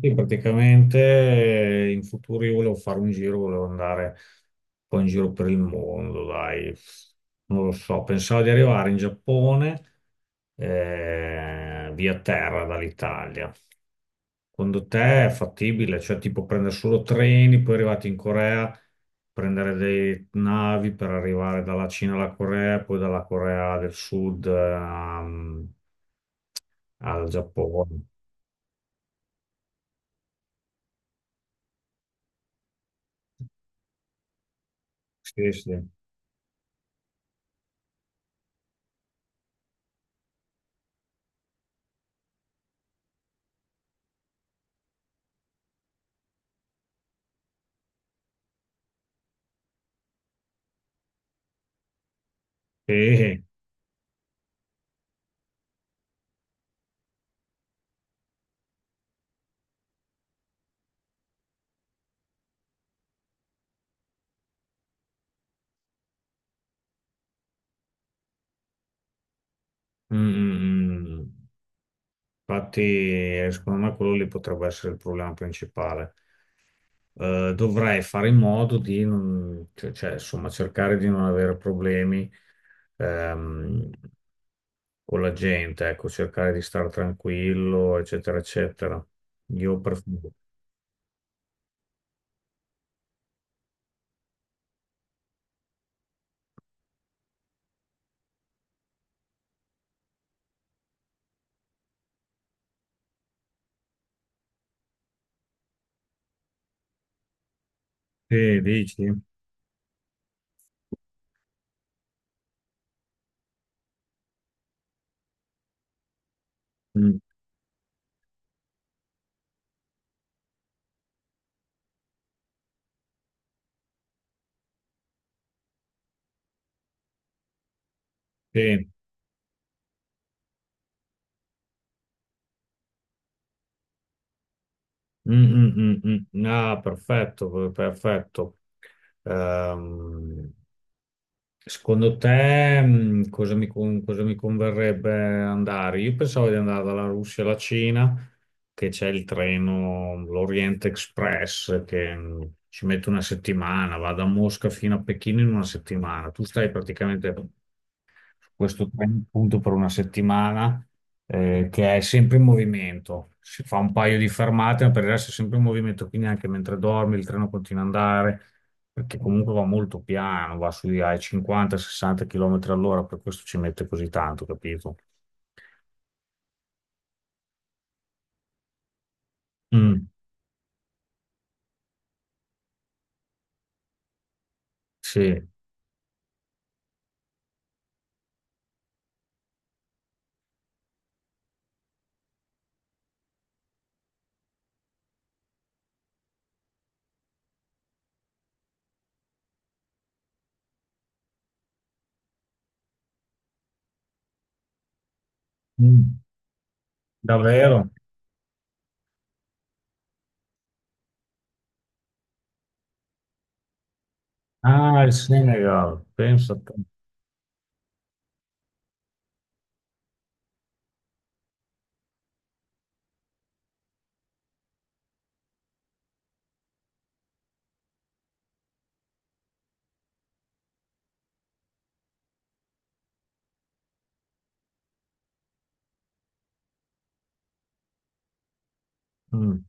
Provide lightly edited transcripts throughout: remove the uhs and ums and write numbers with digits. Sì, praticamente in futuro io volevo fare un giro, volevo andare un po' in giro per il mondo, dai, non lo so, pensavo di arrivare in Giappone via terra dall'Italia. Secondo te è fattibile? Cioè tipo prendere solo treni, poi arrivati in Corea, prendere dei navi per arrivare dalla Cina alla Corea, poi dalla Corea del Sud al Giappone. Sì, sì. Sì. Mm, mm, mm, mm. Infatti, secondo me quello lì potrebbe essere il problema principale. Dovrei fare in modo di non, insomma, cercare di non avere problemi ehm, con la gente, ecco, cercare di stare tranquillo, eccetera, eccetera. Io preferisco. Sì, dici? Mm, sì. Mm, mm, mm, mm. Ah, perfetto, perfetto. Ehm, Secondo te, cosa mi converrebbe andare? Io pensavo di andare dalla Russia alla Cina, che c'è il treno, l'Orient Express, che ci mette una settimana, va da Mosca fino a Pechino in una settimana. Tu stai praticamente questo trend appunto per una settimana che è sempre in movimento. Si fa un paio di fermate, ma per il resto è sempre in movimento, quindi anche mentre dormi il treno continua ad andare, perché comunque va molto piano, va sui ai 50-60 km all'ora, per questo ci mette così tanto, capito? Mm, sì. Mm, davvero? Ah, il Senegal, pensa a te. Mm,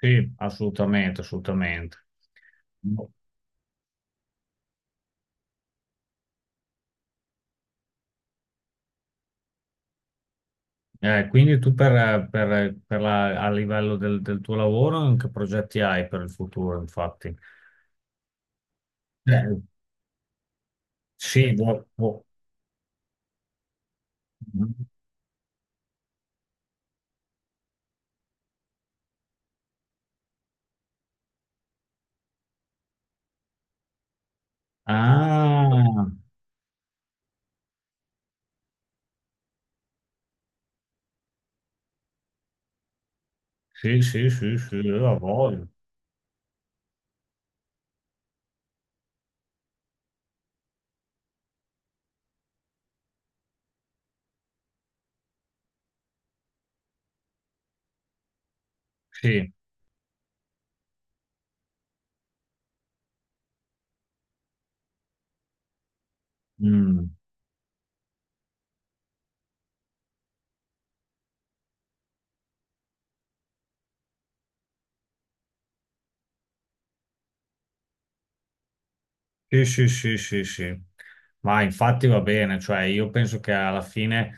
sì, assolutamente, assolutamente. Quindi tu a livello del, del tuo lavoro, che progetti hai per il futuro, infatti? Eh, sì, boh, boh. Ah, sì, sì, sì, sì, io la voglio. Sì. Mm. Sì, sì, sì, sì, sì. Ma infatti va bene, cioè io penso che alla fine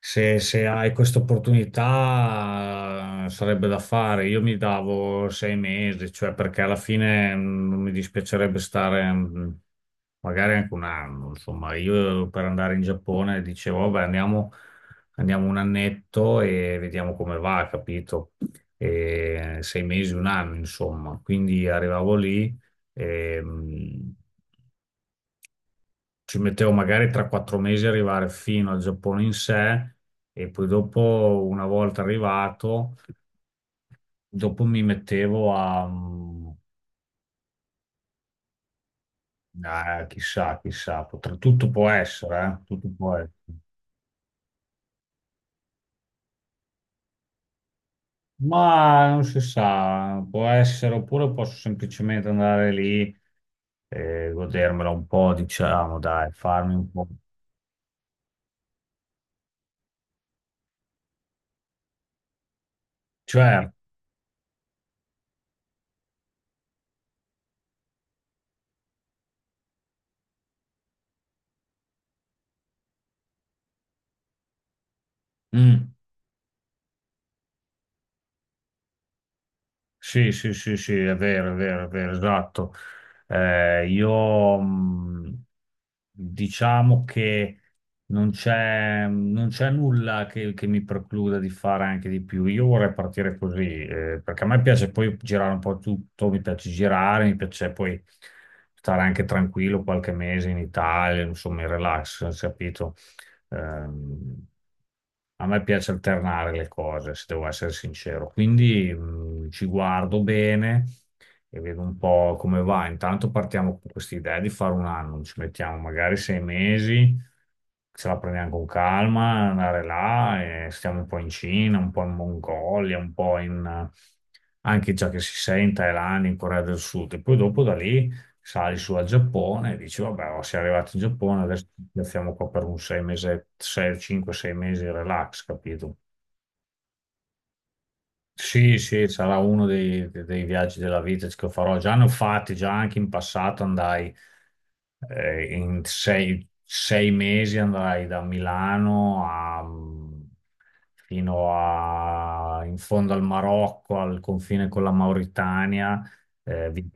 se, se hai questa opportunità sarebbe da fare. Io mi davo 6 mesi, cioè perché alla fine mm, non mi dispiacerebbe stare mm, magari anche 1 anno. Insomma, io per andare in Giappone dicevo, vabbè, andiamo, andiamo un annetto e vediamo come va, capito? E sei mesi, 1 anno, insomma. Quindi arrivavo lì, ci mettevo magari 3-4 mesi a arrivare fino al Giappone in sé e poi dopo, una volta arrivato, dopo mi mettevo a mm, a chissà, chissà, tutto può essere, eh. Tutto può essere. Ma non si sa, può essere, oppure posso semplicemente andare lì e godermela un po', diciamo, dai, farmi un po'. Cioè, mm. Sì, sì, sì, sì, è vero, è vero, è vero, esatto. Io diciamo che non c'è nulla che mi precluda di fare anche di più. Io vorrei partire così, perché a me piace poi girare un po' tutto, mi piace girare, mi piace poi stare anche tranquillo qualche mese in Italia, insomma, in relax, capito? Ehm, a me piace alternare le cose, se devo essere sincero. Quindi ci guardo bene e vedo un po' come va. Intanto partiamo con questa idea di fare un anno, ci mettiamo magari 6 mesi, ce la prendiamo con calma, andare là, e stiamo un po' in Cina, un po' in Mongolia, un po' in, anche già che si sente in Thailandia, in Corea del Sud. E poi dopo da lì sali su al Giappone e dici, vabbè, oh, siamo arrivati in Giappone, adesso ci piazziamo qua per un 6 mesi, sei, cinque, sei mesi, relax, capito? Sì, sì, sarà uno dei, dei viaggi della vita che farò. Già ne ho fatti, già anche in passato andai in sei mesi andai da Milano mm, fino a, in fondo al Marocco, al confine con la Mauritania, eh, vi-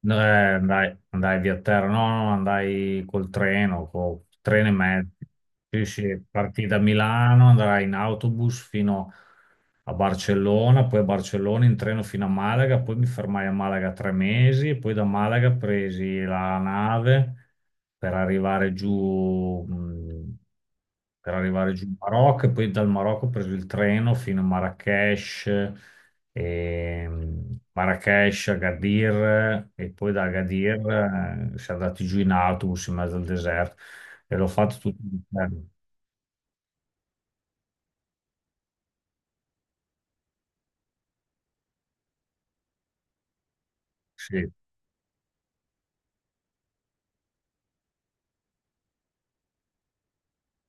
no, andai via terra, no, no, andai col treno e mezzo. Sì, sì, partì da Milano, andrai in autobus fino a Barcellona, poi a Barcellona in treno fino a Malaga, poi mi fermai a Malaga 3 mesi, e poi da Malaga presi la nave per arrivare giù, mh, per arrivare giù in Marocco e poi dal Marocco ho preso il treno fino a Marrakech e Marrakesh, Agadir e poi da Agadir si è andati giù in autobus in mezzo al deserto e l'ho fatto tutto l'inverno. Sì,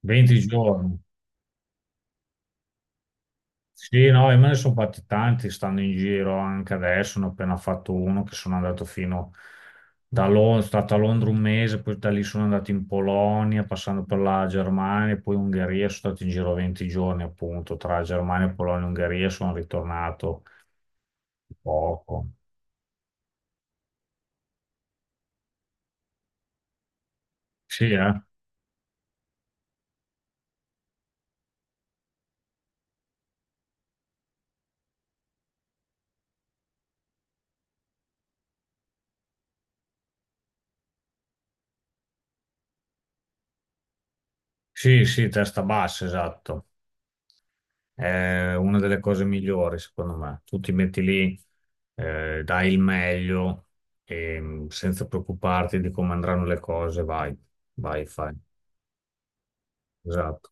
20 giorni. Sì, no, e me ne sono fatti tanti, stanno in giro anche adesso, ne ho appena fatto uno che sono andato fino da Londra, stato a Londra 1 mese, poi da lì sono andato in Polonia, passando per la Germania, poi Ungheria, sono stato in giro 20 giorni appunto, tra Germania, Polonia e Ungheria sono ritornato poco. Sì, eh. Sì, sì, testa bassa, esatto. È una delle cose migliori, secondo me. Tu ti metti lì, dai il meglio, e, senza preoccuparti di come andranno le cose, vai, vai, fai. Esatto.